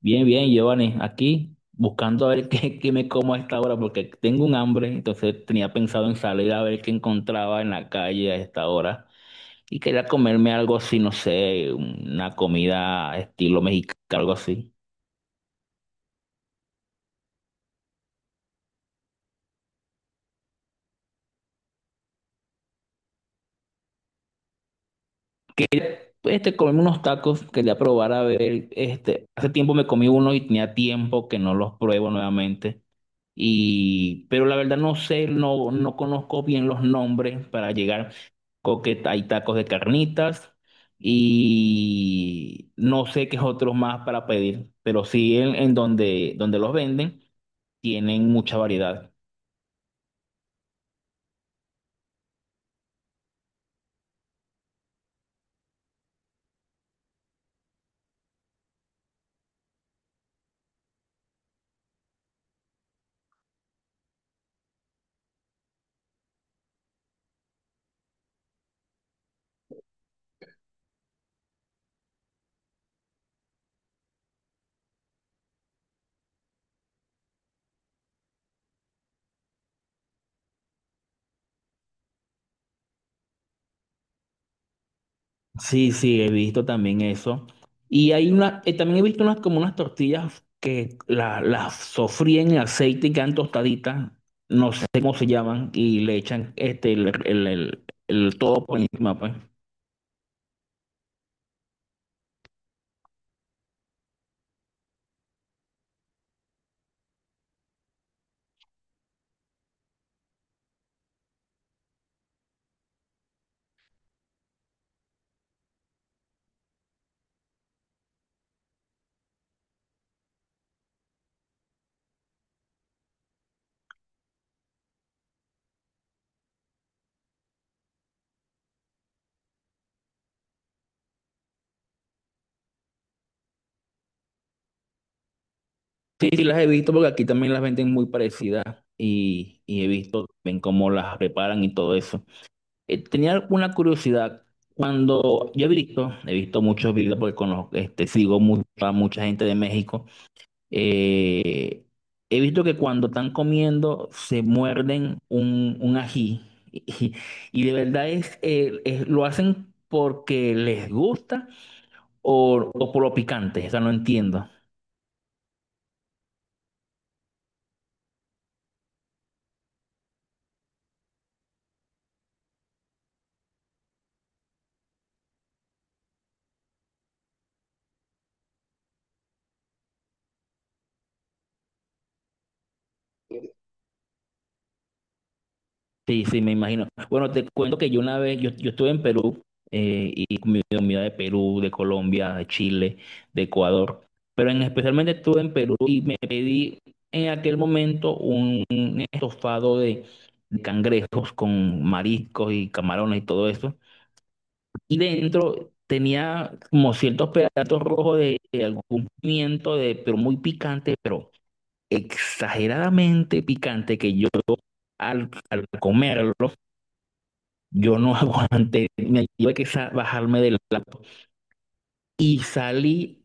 Bien, bien, Giovanni, aquí buscando a ver qué me como a esta hora porque tengo un hambre. Entonces tenía pensado en salir a ver qué encontraba en la calle a esta hora y quería comerme algo así, no sé, una comida estilo mexicano, algo así. Pues, comerme unos tacos. Quería probar a ver, hace tiempo me comí uno y tenía tiempo que no los pruebo nuevamente. Y pero la verdad no sé, no conozco bien los nombres para llegar. Que hay tacos de carnitas y no sé qué otros más para pedir, pero sí en donde, donde los venden tienen mucha variedad. Sí, sí, he visto también eso. Y hay una, también he visto unas como unas tortillas que las sofríen en aceite y quedan tostaditas, no sé cómo se llaman, y le echan este, el todo por encima, pues. Sí, sí, las he visto porque aquí también las venden muy parecidas y he visto ven cómo las preparan y todo eso. Tenía una curiosidad. Cuando yo he visto muchos videos porque conozco, este, sigo mucho a mucha gente de México. eh, He visto que cuando están comiendo se muerden un ají y, y de verdad es, lo hacen porque les gusta o por lo picante. Esa no entiendo. Sí, sí, me imagino. Bueno, te cuento que yo una vez, yo estuve en Perú, y comí comida de Perú, de Colombia, de Chile, de Ecuador, pero en, especialmente estuve en Perú y me pedí en aquel momento un estofado de cangrejos con mariscos y camarones y todo eso. Y dentro tenía como ciertos pedazos rojos de algún pimiento, de, pero muy picante, pero exageradamente picante que yo al comerlo yo no aguanté. Me tuve que bajarme del auto y salí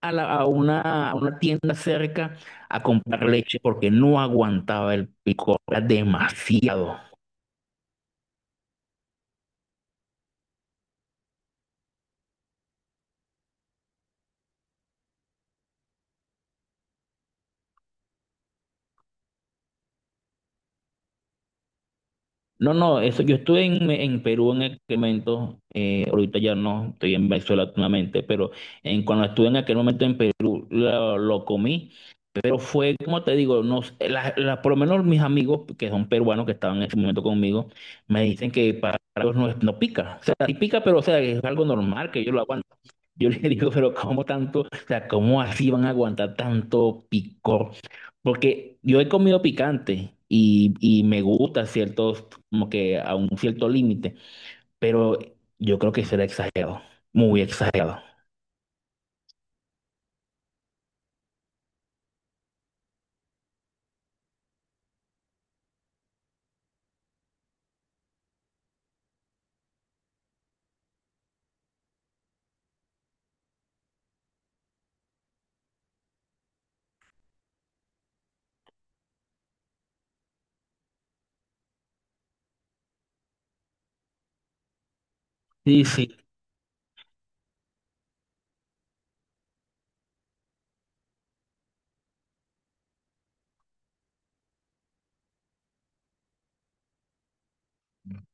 a, a una tienda cerca a comprar leche porque no aguantaba el picor, era demasiado. No, no, eso, yo estuve en Perú en aquel momento. Eh, ahorita ya no, estoy en Venezuela actualmente, pero en, cuando estuve en aquel momento en Perú lo comí, pero fue, como te digo, no sé, por lo menos mis amigos que son peruanos que estaban en ese momento conmigo, me dicen que para ellos no, no pica, o sea, sí pica, pero o sea, es algo normal que yo lo aguantan. Yo le digo, pero ¿cómo tanto? O sea, ¿cómo así van a aguantar tanto picor? Porque yo he comido picante y me gusta ciertos, como que a un cierto límite, pero yo creo que será exagerado, muy exagerado. Sí, sí.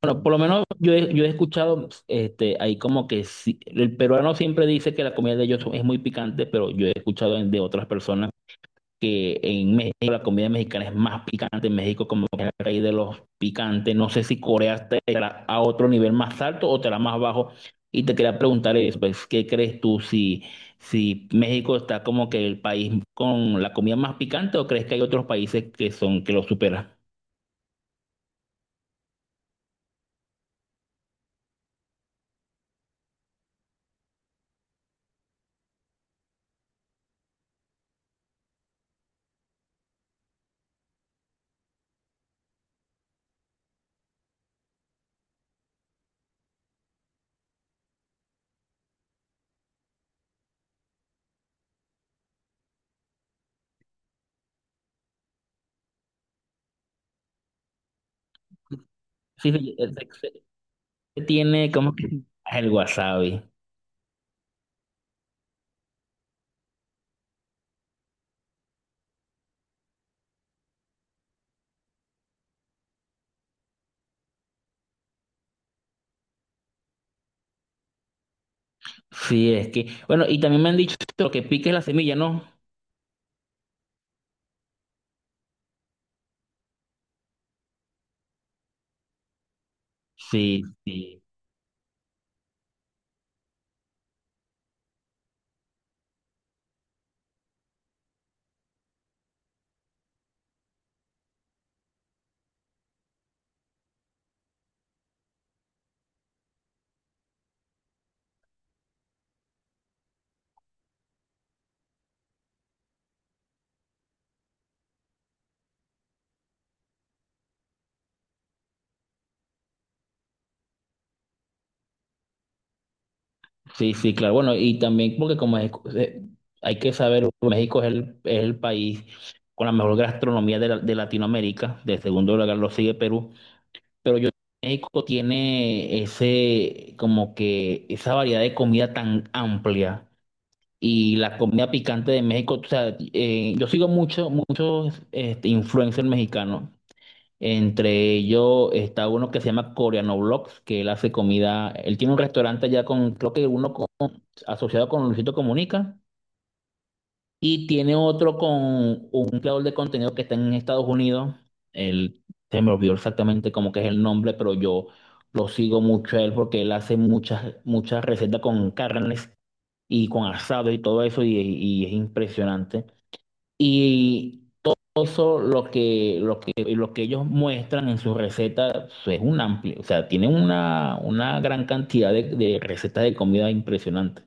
Bueno, por lo menos yo he escuchado, este, ahí como que sí, el peruano siempre dice que la comida de ellos es muy picante, pero yo he escuchado de otras personas que en México la comida mexicana es más picante, en México como que es el rey de los picantes. No sé si Corea te la a otro nivel más alto o te la más bajo, y te quería preguntar eso, pues. ¿Qué crees tú si, si México está como que el país con la comida más picante, o crees que hay otros países que son, que lo superan? Sí, sí, el sexo tiene como que el wasabi. Sí, es que, bueno, y también me han dicho que lo que pique es la semilla, ¿no? Sí, sí. Sí, sí, claro. Bueno, y también porque como eh, hay que saber, México es el país con la mejor gastronomía de, de Latinoamérica. De segundo lugar lo sigue Perú, pero yo México tiene ese, como que esa variedad de comida tan amplia y la comida picante de México, o sea, yo sigo mucho, muchos este, influencers mexicanos. Entre ellos está uno que se llama Coreano Vlogs, que él hace comida. Él tiene un restaurante allá con, creo que uno asociado con Luisito Comunica. Y tiene otro con un creador de contenido que está en Estados Unidos. Él, Se me olvidó exactamente cómo que es el nombre, pero yo lo sigo mucho a él porque él hace muchas, muchas recetas con carnes y con asado y todo eso y es impresionante. Y eso lo que, lo que ellos muestran en sus recetas es un amplio, o sea, tienen una gran cantidad de recetas de comida impresionante.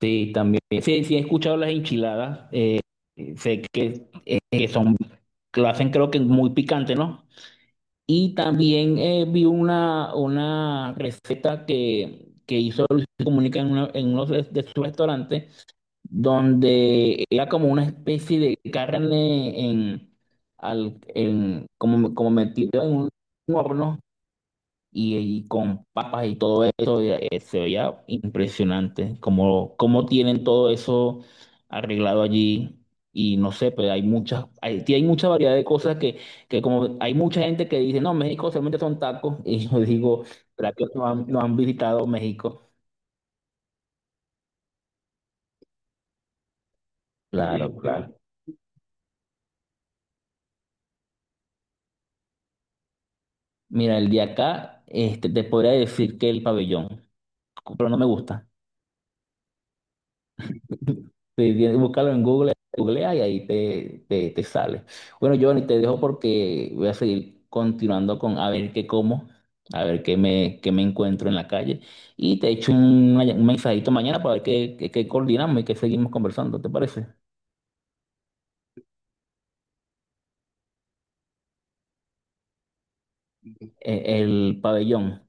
Sí, también. Sí, sí, he escuchado las enchiladas. Sé que son, que lo hacen creo que muy picante, ¿no? Y también vi una receta que hizo Luis Comunica en uno de sus restaurantes, donde era como una especie de carne en, al, en, como, como metido en un horno y con papas y todo eso. Y, se veía impresionante cómo, cómo tienen todo eso arreglado allí. Y no sé, pero hay muchas, hay, sí hay mucha variedad de cosas que como hay mucha gente que dice, no, México solamente son tacos y yo digo, ¿será que no han, no han visitado México? Claro, claro. Mira, el de acá, este, te podría decir que el pabellón, pero no me gusta. Sí, bien, búscalo en Google, googlea y ahí te, te sale. Bueno, Giovanni, te dejo porque voy a seguir continuando con a ver qué como, a ver qué me encuentro en la calle. Y te echo un mensajito mañana para ver qué, qué coordinamos y qué seguimos conversando, ¿te parece? El pabellón.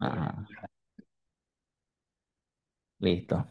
Ah, listo.